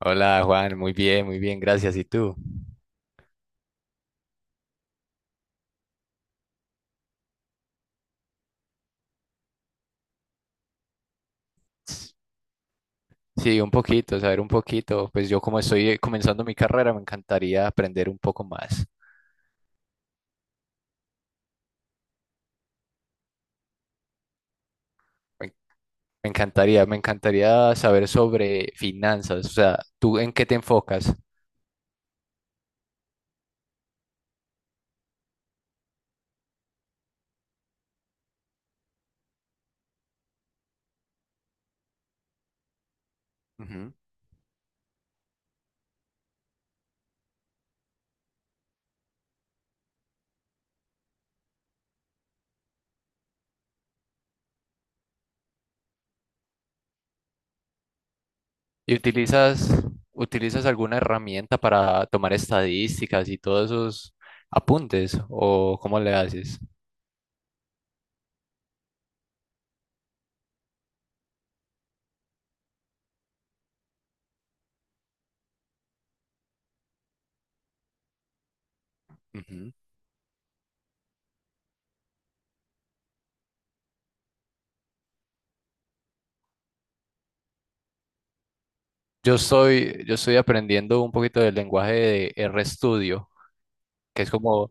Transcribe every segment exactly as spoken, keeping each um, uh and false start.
Hola Juan, muy bien, muy bien, gracias. ¿Y tú? Sí, un poquito, saber un poquito. Pues yo como estoy eh, comenzando mi carrera, me encantaría aprender un poco más. Me, me encantaría, me encantaría saber sobre finanzas, o sea, ¿tú en qué te enfocas? Ujú. ¿Y utilizas, utilizas alguna herramienta para tomar estadísticas y todos esos apuntes? ¿O cómo le haces? Ujú. Yo estoy, yo estoy aprendiendo un poquito del lenguaje de RStudio, que es como.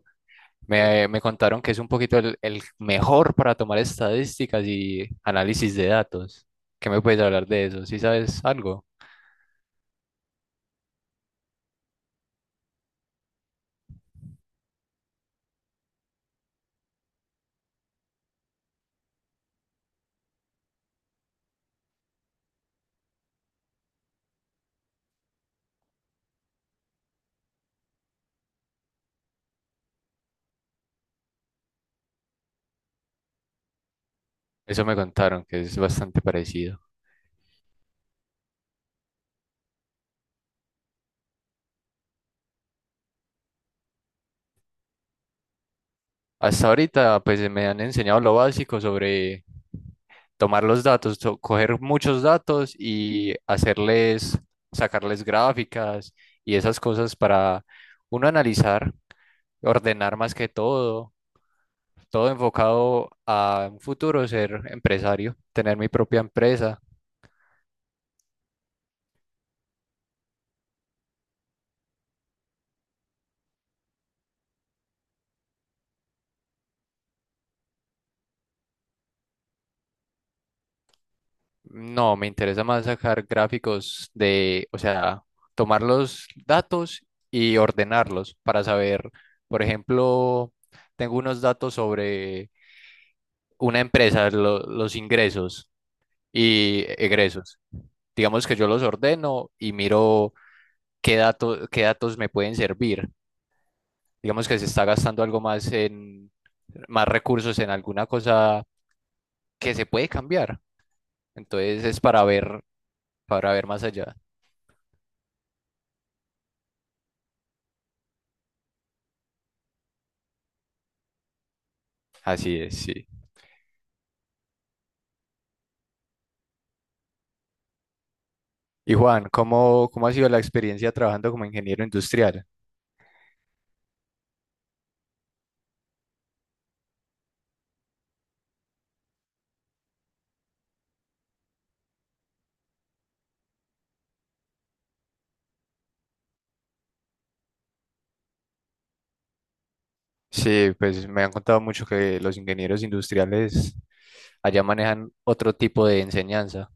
Me, me contaron que es un poquito el, el mejor para tomar estadísticas y análisis de datos. ¿Qué me puedes hablar de eso, si sabes algo? Eso me contaron, que es bastante parecido. Hasta ahorita, pues me han enseñado lo básico sobre tomar los datos, so- coger muchos datos y hacerles, sacarles gráficas y esas cosas para uno analizar, ordenar más que todo, todo enfocado a un futuro ser empresario, tener mi propia empresa. No, me interesa más sacar gráficos de, o sea, tomar los datos y ordenarlos para saber, por ejemplo, tengo unos datos sobre una empresa, lo- los ingresos y egresos. Digamos que yo los ordeno y miro qué dato- qué datos me pueden servir. Digamos que se está gastando algo más en más recursos en alguna cosa que se puede cambiar. Entonces es para ver, para ver más allá. Así es, sí. Y Juan, ¿cómo, cómo ha sido la experiencia trabajando como ingeniero industrial? Sí, pues me han contado mucho que los ingenieros industriales allá manejan otro tipo de enseñanza.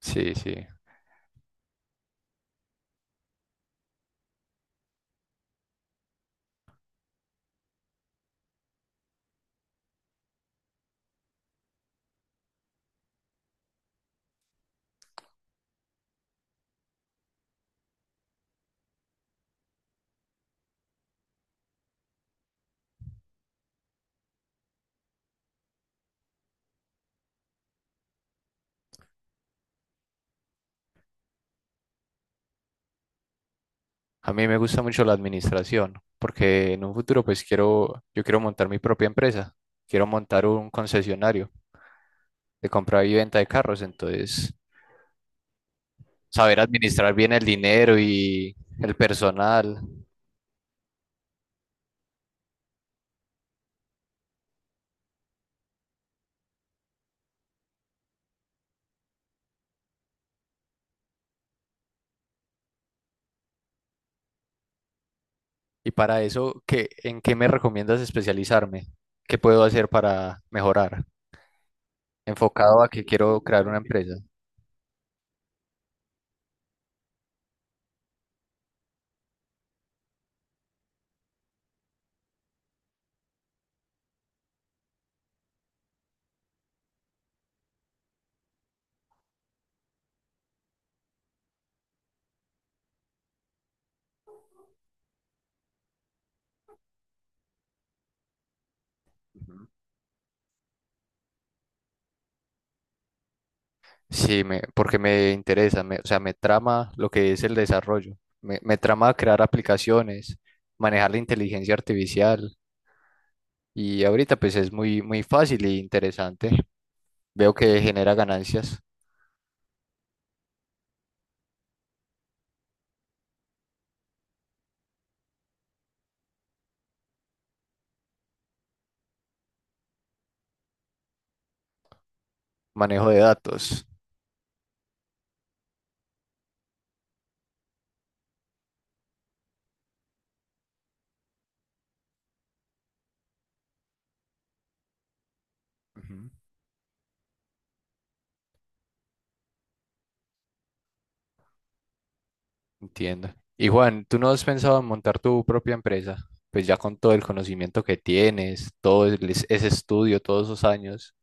Sí, sí. A mí me gusta mucho la administración, porque en un futuro pues quiero, yo quiero montar mi propia empresa, quiero montar un concesionario de compra y venta de carros, entonces saber administrar bien el dinero y el personal. Y para eso, ¿qué, en qué me recomiendas especializarme? ¿Qué puedo hacer para mejorar? Enfocado a que quiero crear una empresa. Sí, me, porque me interesa, me- o sea, me trama lo que es el desarrollo. Me, me trama crear aplicaciones, manejar la inteligencia artificial. Y ahorita pues es muy, muy fácil e interesante. Veo que genera ganancias, manejo de datos. Ujú. Entiendo. Y Juan, ¿tú no has pensado en montar tu propia empresa? Pues ya con todo el conocimiento que tienes, todo el- es- ese estudio, todos esos años.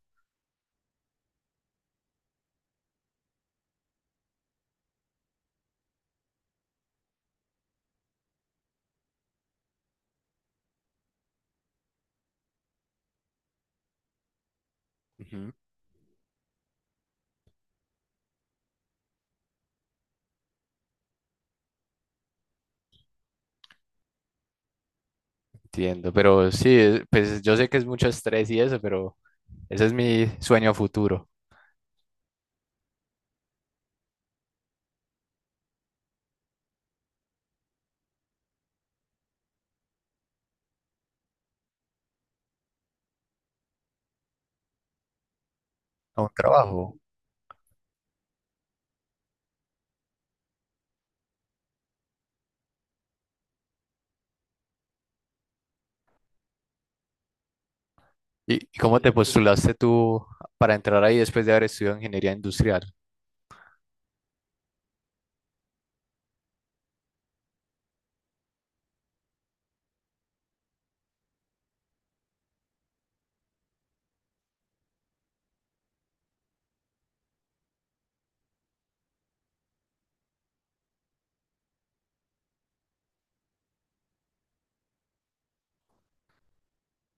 Ujú. Entiendo, pero sí, es- pues yo sé que es mucho estrés y eso, pero ese es mi sueño a futuro. A un trabajo. ¿Y y cómo te postulaste tú para entrar ahí después de haber estudiado ingeniería industrial?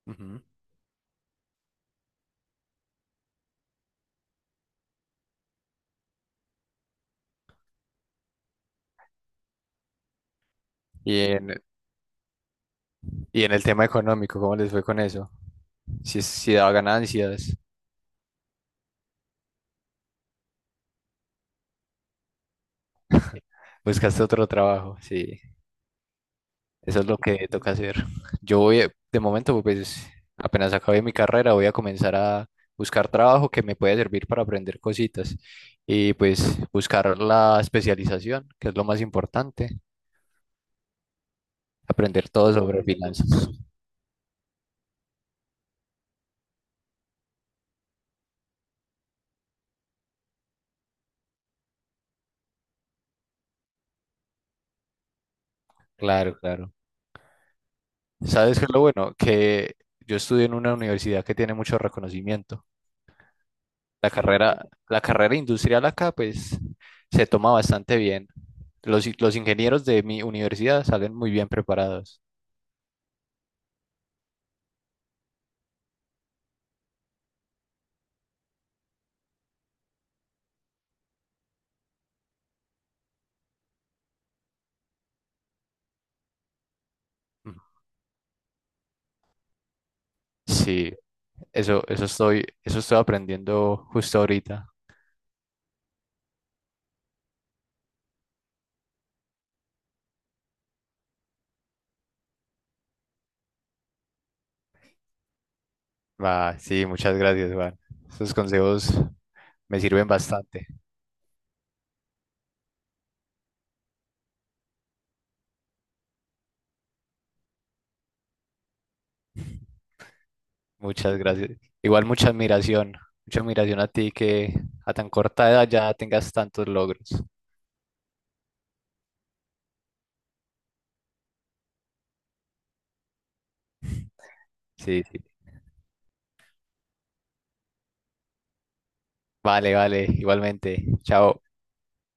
Ujú. Y en, y en el tema económico, ¿cómo les fue con eso? Si, si daba ganancias, buscaste otro trabajo, sí, eso es lo que toca hacer. Yo voy, a- de momento, pues apenas acabé mi carrera, voy a comenzar a buscar trabajo que me pueda servir para aprender cositas y pues buscar la especialización, que es lo más importante, aprender todo sobre finanzas. Claro, claro. ¿Sabes qué es lo bueno? Que yo estudio en una universidad que tiene mucho reconocimiento. La carrera, la carrera industrial acá, pues, se toma bastante bien. Los, i- los ingenieros de mi universidad salen muy bien preparados. Ujú. Sí, eso, eso estoy, eso estoy aprendiendo justo ahorita. Va, sí, muchas gracias, Juan. Esos consejos me sirven bastante. Muchas gracias. Igual mucha admiración, mucha admiración a ti que a tan corta edad ya tengas tantos logros. Sí, sí. Vale, vale, igualmente. Chao.